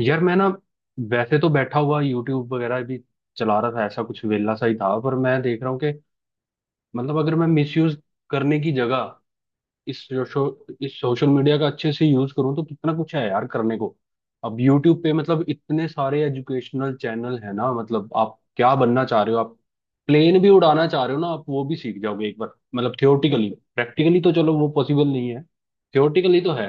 यार मैं ना, वैसे तो बैठा हुआ यूट्यूब वगैरह भी चला रहा था, ऐसा कुछ वेला सा ही था। पर मैं देख रहा हूँ कि मतलब अगर मैं मिसयूज करने की जगह इस इस सोशल मीडिया का अच्छे से यूज करूँ तो कितना कुछ है यार करने को। अब यूट्यूब पे मतलब इतने सारे एजुकेशनल चैनल है ना। मतलब आप क्या बनना चाह रहे हो? आप प्लेन भी उड़ाना चाह रहे हो ना, आप वो भी सीख जाओगे एक बार, मतलब थियोटिकली। प्रैक्टिकली तो चलो वो पॉसिबल नहीं है, थियोटिकली तो है।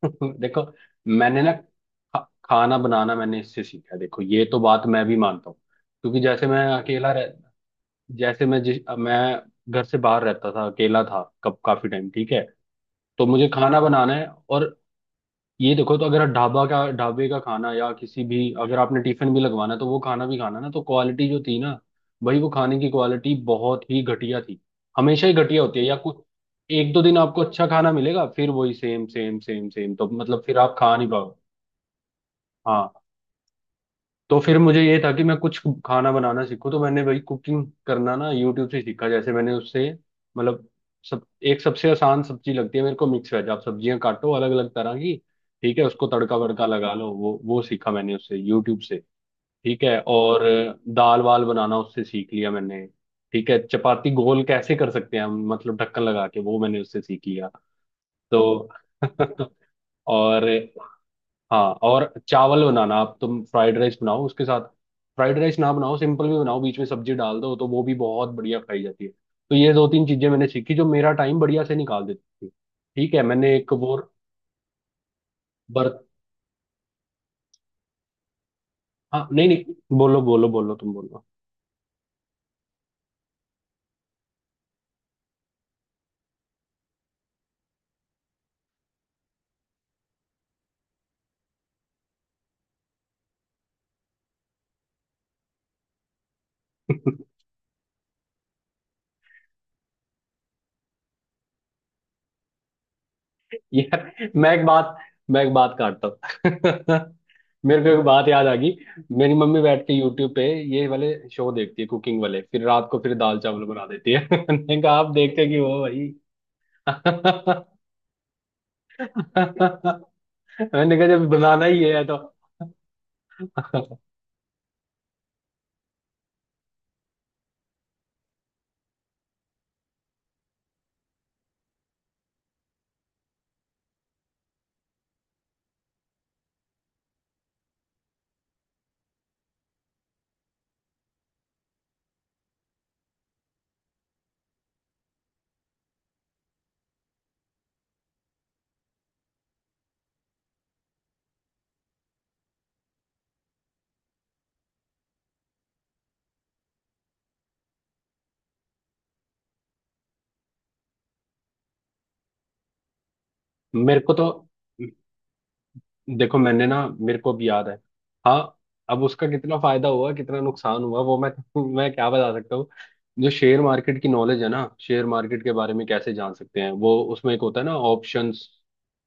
देखो, मैंने ना खाना बनाना मैंने इससे सीखा है। देखो ये तो बात मैं भी मानता हूँ, क्योंकि जैसे मैं अकेला रह जैसे मैं जिस मैं घर से बाहर रहता था, अकेला था कब, काफी टाइम, ठीक है। तो मुझे खाना बनाना है। और ये देखो, तो अगर आप ढाबा का ढाबे का खाना या किसी भी, अगर आपने टिफिन भी लगवाना है, तो वो खाना भी, खाना ना, तो क्वालिटी जो थी ना, भाई वो खाने की क्वालिटी बहुत ही घटिया थी। हमेशा ही घटिया होती है, या कुछ एक दो दिन आपको अच्छा खाना मिलेगा, फिर वही सेम सेम सेम सेम, तो मतलब फिर आप खा नहीं पाओ। तो फिर मुझे ये था कि मैं कुछ खाना बनाना सीखूं, तो मैंने वही कुकिंग करना ना यूट्यूब से सीखा। जैसे मैंने उससे मतलब सब, एक सबसे आसान सब्जी लगती है मेरे को मिक्स वेज। आप सब्जियां काटो अलग अलग तरह की, ठीक है, उसको तड़का वड़का लगा लो, वो सीखा मैंने उससे यूट्यूब से। ठीक है, और दाल वाल बनाना उससे सीख लिया मैंने। ठीक है, चपाती गोल कैसे कर सकते हैं हम, मतलब ढक्कन लगा के, वो मैंने उससे सीख लिया। तो और हाँ, और चावल बनाना, आप तुम फ्राइड राइस बनाओ उसके साथ। फ्राइड राइस ना बनाओ, सिंपल भी बनाओ, बीच में सब्जी डाल दो तो वो भी बहुत बढ़िया खाई जाती है। तो ये दो तीन चीजें मैंने सीखी जो मेरा टाइम बढ़िया से निकाल देती थी। ठीक है, मैंने एक वो बर्त, हाँ, नहीं नहीं, बोलो बोलो बोलो, तुम बोलो। यार मैं एक बात काटता हूँ। मेरे को एक बात याद आ गई। मेरी मम्मी बैठ के यूट्यूब पे ये वाले शो देखती है कुकिंग वाले, फिर रात को फिर दाल चावल बना देती है। मैंने कहा आप देखते क्यों हो भाई। मैंने कहा जब बनाना ही है तो। मेरे को तो, देखो मैंने ना, मेरे को भी याद है। हाँ, अब उसका कितना फायदा हुआ कितना नुकसान हुआ वो मैं, मैं क्या बता सकता हूँ। जो शेयर मार्केट की नॉलेज है ना, शेयर मार्केट के बारे में कैसे जान सकते हैं, वो उसमें एक होता है ना ऑप्शंस,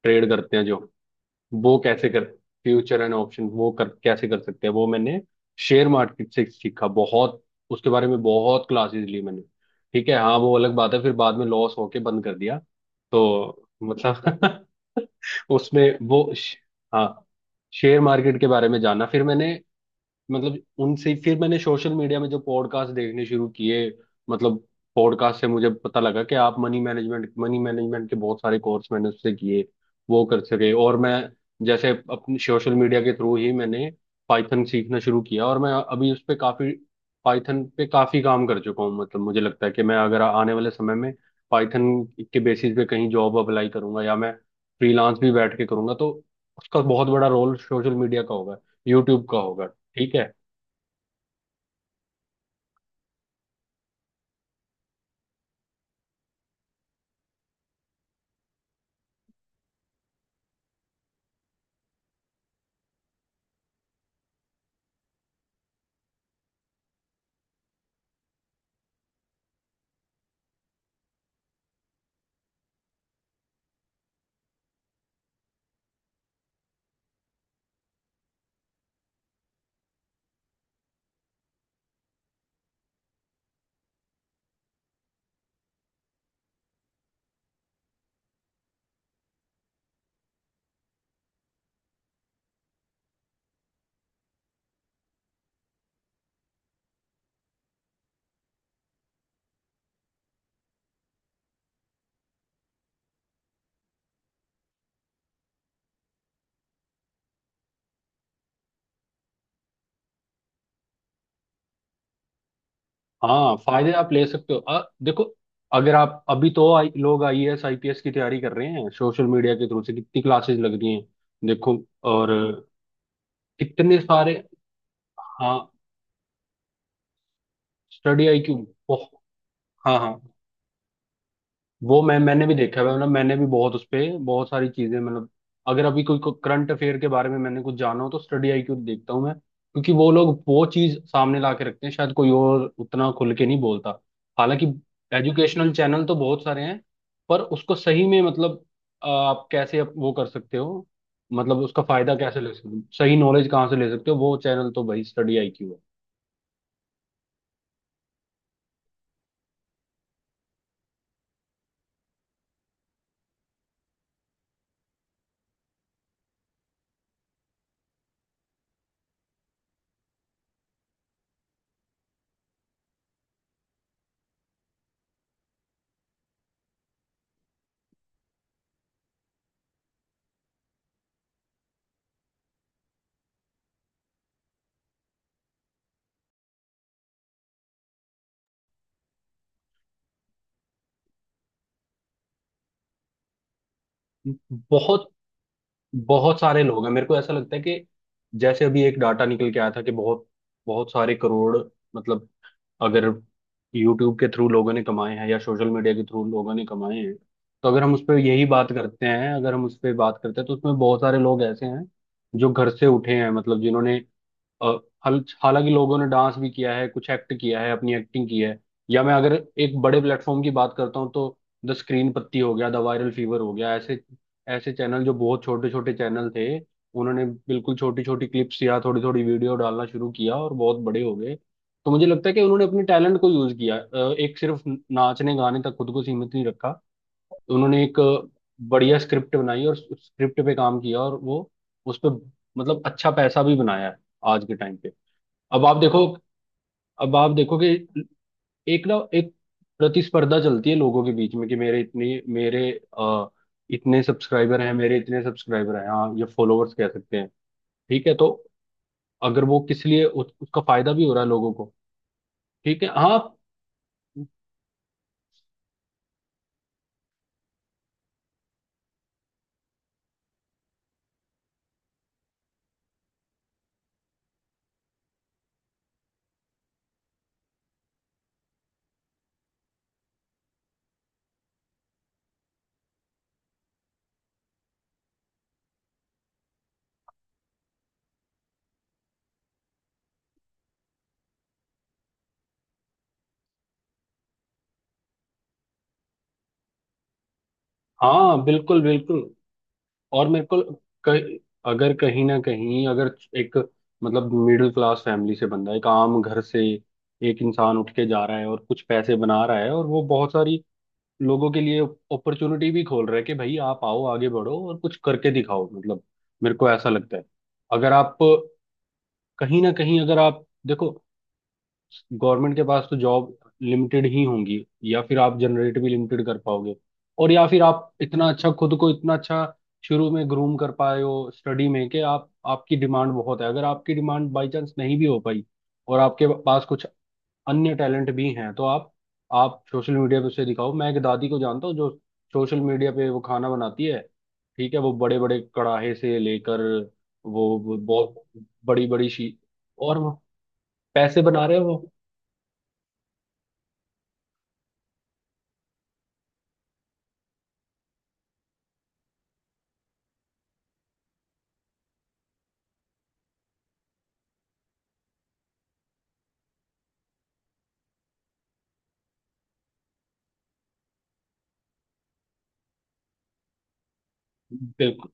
ट्रेड करते हैं जो, वो कैसे कर, फ्यूचर एंड ऑप्शन वो कर कैसे कर सकते हैं। वो मैंने शेयर मार्केट से सीखा बहुत, उसके बारे में बहुत क्लासेस ली मैंने, ठीक है। हाँ वो अलग बात है, फिर बाद में लॉस होके बंद कर दिया। तो मतलब उसमें वो हाँ, शेयर मार्केट के बारे में जाना फिर मैंने। मतलब उनसे फिर मैंने सोशल मीडिया में जो पॉडकास्ट देखने शुरू किए। मतलब पॉडकास्ट से मुझे पता लगा कि आप मनी मैनेजमेंट के बहुत सारे कोर्स मैंने उससे किए, वो कर सके। और मैं जैसे अपने सोशल मीडिया के थ्रू ही मैंने पाइथन सीखना शुरू किया, और मैं अभी उस पे काफी, पाइथन पे काफी काम कर चुका हूँ। मतलब मुझे लगता है कि मैं अगर आने वाले समय में पाइथन के बेसिस पे कहीं जॉब अप्लाई करूंगा या मैं फ्रीलांस भी बैठ के करूंगा तो उसका बहुत बड़ा रोल सोशल मीडिया का होगा, यूट्यूब का होगा, ठीक है। हाँ, फायदे आप ले सकते हो, देखो। अगर आप, अभी तो लोग आईएएस आईपीएस की तैयारी कर रहे हैं सोशल मीडिया के थ्रू से, कितनी क्लासेस लग रही हैं। देखो, और कितने सारे, हाँ स्टडी आईक्यू, हाँ हाँ। वो मैं मैंने भी देखा है, मतलब मैंने भी बहुत उस पे बहुत सारी चीजें, मतलब अगर अभी कोई करंट अफेयर के बारे में मैंने कुछ जाना हो तो स्टडी आईक्यू देखता हूँ मैं, क्योंकि वो लोग वो चीज सामने ला के रखते हैं, शायद कोई और उतना खुल के नहीं बोलता। हालांकि एजुकेशनल चैनल तो बहुत सारे हैं, पर उसको सही में मतलब आप कैसे अप-, वो कर सकते हो, मतलब उसका फायदा कैसे ले सकते हो, सही नॉलेज कहाँ से ले सकते हो, वो चैनल तो भाई स्टडी आईक्यू है। बहुत, बहुत सारे लोग हैं, मेरे को ऐसा लगता है कि जैसे अभी एक डाटा निकल के आया था कि बहुत, बहुत सारे करोड़ मतलब, अगर यूट्यूब के थ्रू लोगों ने कमाए हैं या सोशल मीडिया के थ्रू लोगों ने कमाए हैं। तो अगर हम उस पर यही बात करते हैं, अगर हम उस पर बात करते हैं तो उसमें बहुत सारे लोग ऐसे हैं जो घर से उठे हैं, मतलब जिन्होंने अ, हालांकि लोगों ने डांस भी किया है, कुछ एक्ट किया है, अपनी एक्टिंग की है। या मैं अगर एक बड़े प्लेटफॉर्म की बात करता हूँ तो द स्क्रीन पत्ती हो गया, द वायरल फीवर हो गया। ऐसे ऐसे चैनल जो बहुत छोटे छोटे चैनल थे, उन्होंने बिल्कुल छोटी छोटी क्लिप्स या थोड़ी थोड़ी वीडियो डालना शुरू किया और बहुत बड़े हो गए। तो मुझे लगता है कि उन्होंने अपने टैलेंट को यूज किया, एक, सिर्फ नाचने गाने तक खुद को सीमित नहीं रखा, उन्होंने एक बढ़िया स्क्रिप्ट बनाई और उस स्क्रिप्ट पे काम किया, और वो उस पे मतलब अच्छा पैसा भी बनाया है आज के टाइम पे। अब आप देखो, अब आप देखो कि एक ना एक प्रतिस्पर्धा चलती है लोगों के बीच में, कि मेरे इतने, मेरे आ, इतने सब्सक्राइबर हैं, मेरे इतने सब्सक्राइबर हैं। हाँ ये फॉलोअर्स कह सकते हैं, ठीक है। तो अगर वो किस लिए उस, उसका फायदा भी हो रहा है लोगों को, ठीक है, हाँ। हाँ बिल्कुल बिल्कुल, और मेरे को कहीं, अगर कहीं ना कहीं अगर एक, मतलब मिडिल क्लास फैमिली से बंदा, एक आम घर से एक इंसान उठ के जा रहा है और कुछ पैसे बना रहा है और वो बहुत सारी लोगों के लिए अपॉर्चुनिटी भी खोल रहा है कि भाई आप आओ आगे बढ़ो और कुछ करके दिखाओ, मतलब मेरे को ऐसा लगता है। अगर आप कहीं ना कहीं, अगर आप देखो, गवर्नमेंट के पास तो जॉब लिमिटेड ही होंगी, या फिर आप जनरेट भी लिमिटेड कर पाओगे। और या फिर आप इतना अच्छा, खुद को इतना अच्छा शुरू में ग्रूम कर पाए हो स्टडी में कि आप, आपकी डिमांड बहुत है। अगर आपकी डिमांड बाई चांस नहीं भी हो पाई और आपके पास कुछ अन्य टैलेंट भी हैं तो आप सोशल मीडिया पे उसे दिखाओ। मैं एक दादी को जानता हूँ जो सोशल मीडिया पे वो खाना बनाती है, ठीक है, वो बड़े बड़े कड़ाहे से लेकर, वो बहुत बड़ी बड़ी शी, और वो पैसे बना रहे हैं वो। बिल्कुल,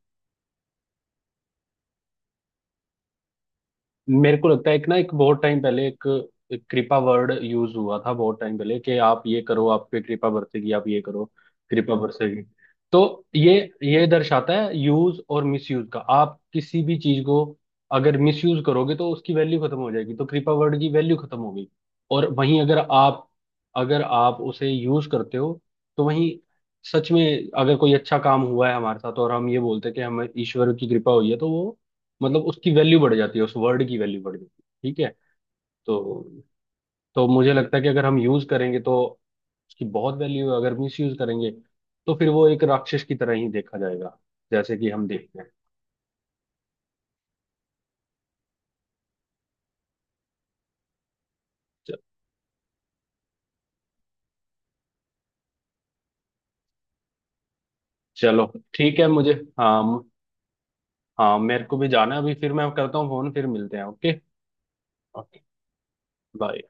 मेरे को लगता है एक ना एक बहुत टाइम पहले एक, एक कृपा वर्ड यूज हुआ था बहुत टाइम पहले, कि आप ये करो आप पे कृपा बरसेगी, आप ये करो कृपा बरसेगी। तो ये ये दर्शाता है यूज और मिसयूज का, आप किसी भी चीज को अगर मिसयूज करोगे तो उसकी वैल्यू खत्म हो जाएगी। तो कृपा वर्ड की वैल्यू खत्म हो गई। और वहीं अगर आप, अगर आप उसे यूज करते हो तो वहीं, सच में अगर कोई अच्छा काम हुआ है हमारे साथ और हम ये बोलते हैं कि हमें ईश्वर की कृपा हुई है, तो वो मतलब उसकी वैल्यू बढ़ जाती है, उस वर्ड की वैल्यू बढ़ जाती है, ठीक है। तो तो मुझे लगता है कि अगर हम यूज करेंगे तो उसकी बहुत वैल्यू है, अगर मिस यूज करेंगे तो फिर वो एक राक्षस की तरह ही देखा जाएगा, जैसे कि हम देखते हैं। च- चलो ठीक है मुझे, हाँ हाँ, मेरे को भी जाना है, अभी फिर मैं करता हूँ फोन, फिर मिलते हैं, ओके। Okay, bye.